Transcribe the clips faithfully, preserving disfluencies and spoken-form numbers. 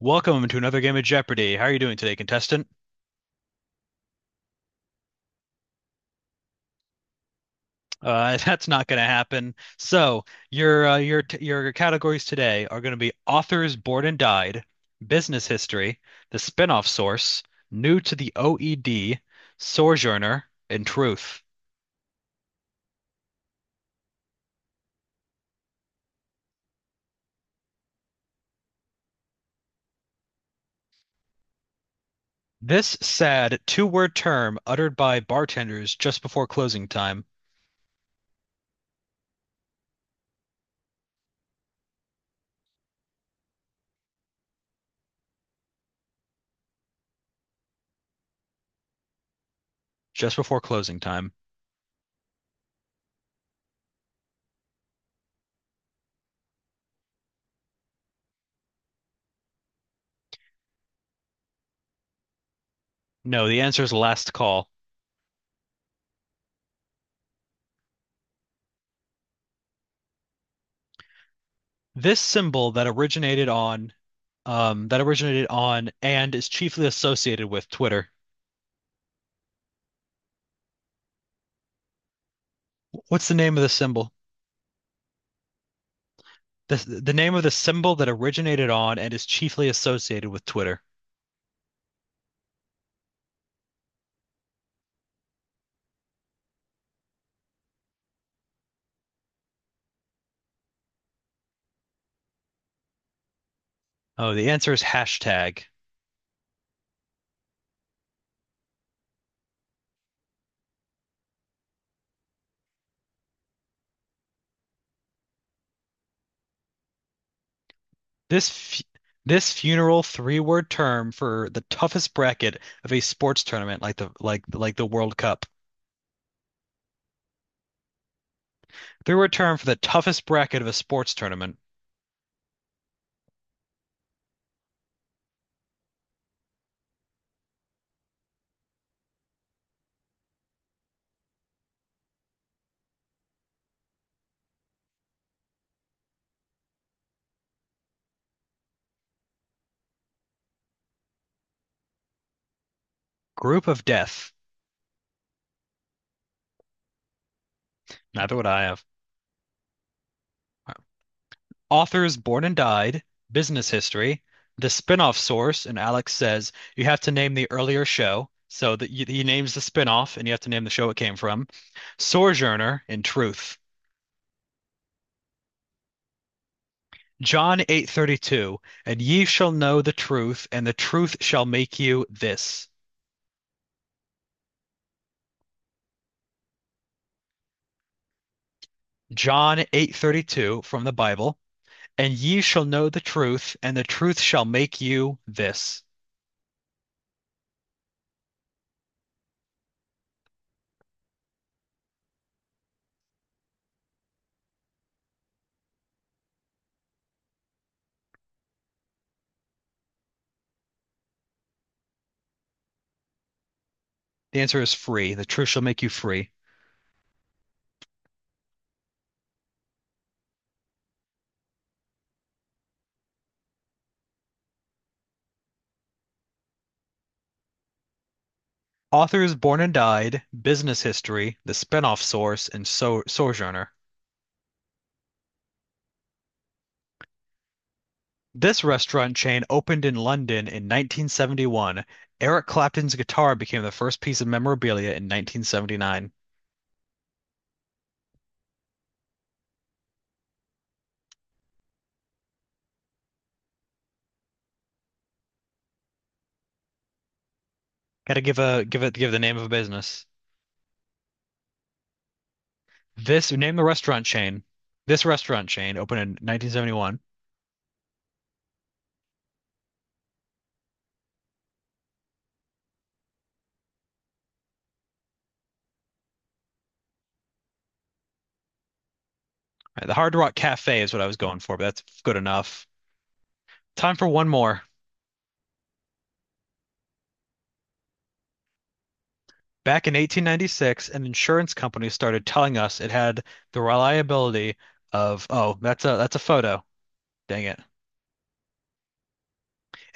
Welcome to another game of Jeopardy. How are you doing today, contestant? Uh, that's not going to happen. So your uh, your t- your categories today are going to be authors born and died, business history, the spinoff source, new to the O E D, sojourner, and truth. This sad two-word term uttered by bartenders just before closing time. Just before closing time. No, the answer is last call. This symbol that originated on um, that originated on and is chiefly associated with Twitter. What's the name of the symbol? The, the name of the symbol that originated on and is chiefly associated with Twitter. Oh, the answer is hashtag. This fu this funeral three-word term for the toughest bracket of a sports tournament like the like like the World Cup. Three-word term for the toughest bracket of a sports tournament. Group of death. Neither would I have. Authors Born and Died, Business History, the spin-off source, and Alex says you have to name the earlier show. So that you- he names the spin-off, and you have to name the show it came from. Sojourner in Truth. John eight thirty-two, and ye shall know the truth, and the truth shall make you this. John eight thirty-two from the Bible, and ye shall know the truth, and the truth shall make you this. The answer is free. The truth shall make you free. Authors Born and Died, Business History, The Spinoff Source, and so- Sojourner. This restaurant chain opened in London in nineteen seventy-one. Eric Clapton's guitar became the first piece of memorabilia in nineteen seventy-nine. Gotta give a give it give the name of a business. This name the restaurant chain. This restaurant chain opened in nineteen seventy-one. All right, the Hard Rock Cafe is what I was going for, but that's good enough. Time for one more. Back in eighteen ninety-six, an insurance company started telling us it had the reliability of, oh, that's a that's a photo. Dang it.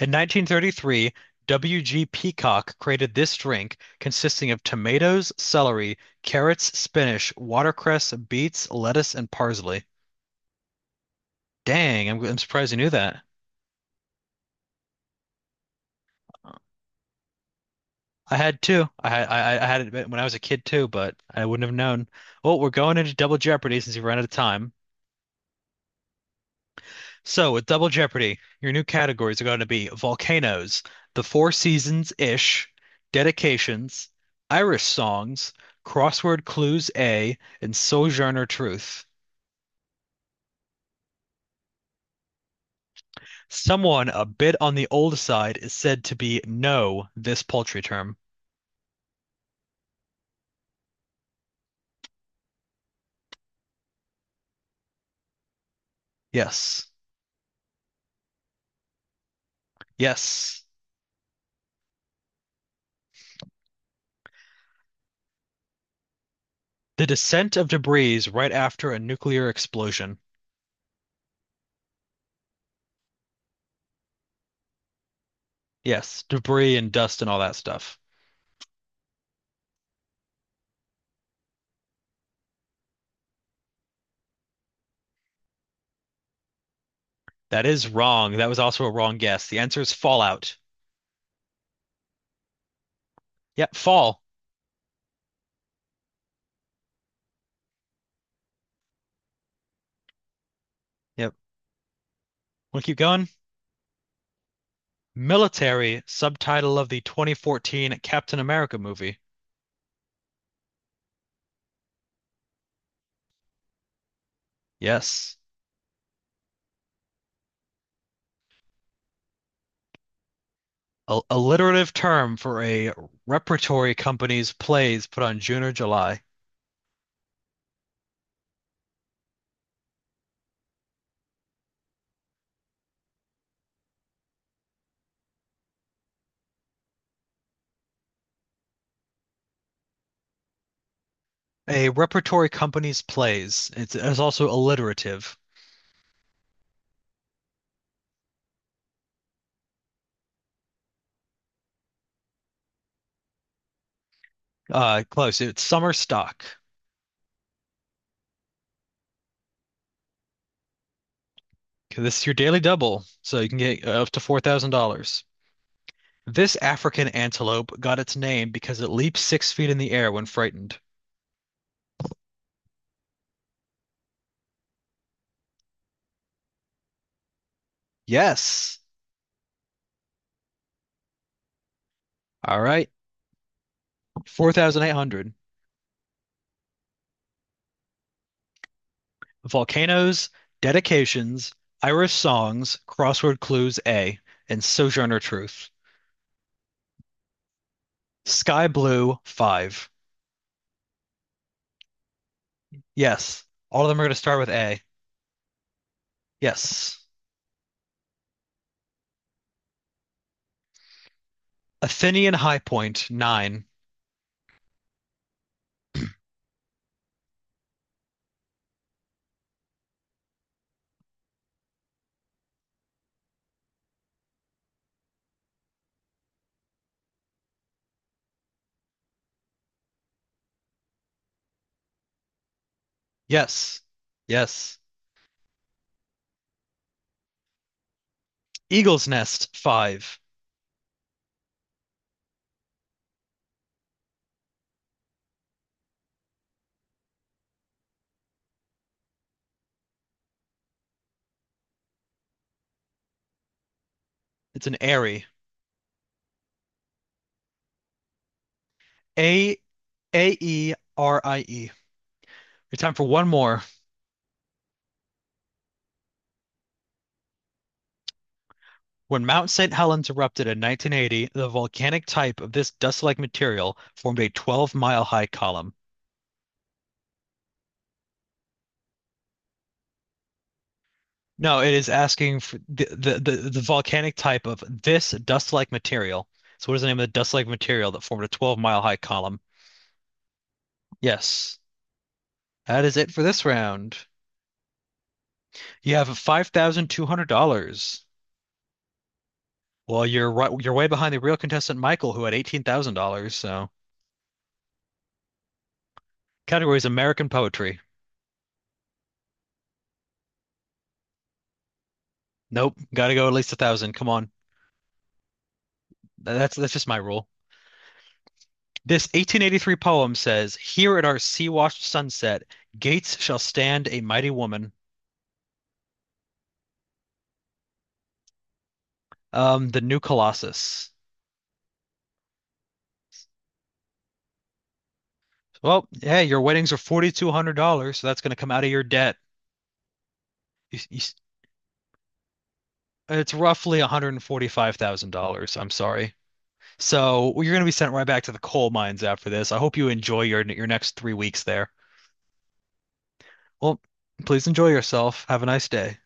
In nineteen thirty-three, W G. Peacock created this drink consisting of tomatoes, celery, carrots, spinach, watercress, beets, lettuce, and parsley. Dang, I'm, I'm surprised you knew that. I had two. I had I, I had it when I was a kid too, but I wouldn't have known. Well, we're going into Double Jeopardy since we ran out of time. So, with Double Jeopardy, your new categories are going to be volcanoes, the Four Seasons-ish, dedications, Irish songs, crossword clues A, and Sojourner Truth. Someone a bit on the old side is said to be no this paltry term. Yes. Yes. The descent of debris right after a nuclear explosion. Yes, debris and dust and all that stuff. That is wrong. That was also a wrong guess. The answer is fallout. Yep, fall. Yep. We'll keep going. Military subtitle of the twenty fourteen Captain America movie. Yes. A alliterative term for a repertory company's plays put on June or July. A repertory company's plays. It's, it's also alliterative. Uh, close. It's summer stock. Okay, this is your daily double, so you can get up to four thousand dollars. This African antelope got its name because it leaps six feet in the air when frightened. Yes. All right. four thousand eight hundred. Volcanoes, Dedications, Irish Songs, Crossword Clues A, and Sojourner Truth. Sky Blue five. Yes. All of them are going to start with A. Yes. Athenian High Point nine. Yes. Yes. Eagle's Nest five. It's an airy. A A E R I E. It's time for one more. When Mount Saint Helens erupted in nineteen eighty, the volcanic type of this dust-like material formed a twelve-mile high column. No, it is asking for the, the, the, the volcanic type of this dust-like material. So what is the name of the dust-like material that formed a twelve-mile high column? Yes, that is it for this round. You have five thousand two hundred dollars. Well, you're right, you're way behind the real contestant Michael, who had eighteen thousand dollars. So category is American poetry. Nope, gotta go at least a thousand. Come on. That's that's just my rule. This eighteen eighty-three poem says, "Here at our sea-washed sunset, gates shall stand a mighty woman." Um, the new Colossus. Well, yeah, your weddings are four thousand two hundred dollars so that's going to come out of your debt. You- you- It's roughly one hundred forty-five thousand dollars. I'm sorry. So well, you're going to be sent right back to the coal mines after this. I hope you enjoy your your next three weeks there. Well, please enjoy yourself. Have a nice day.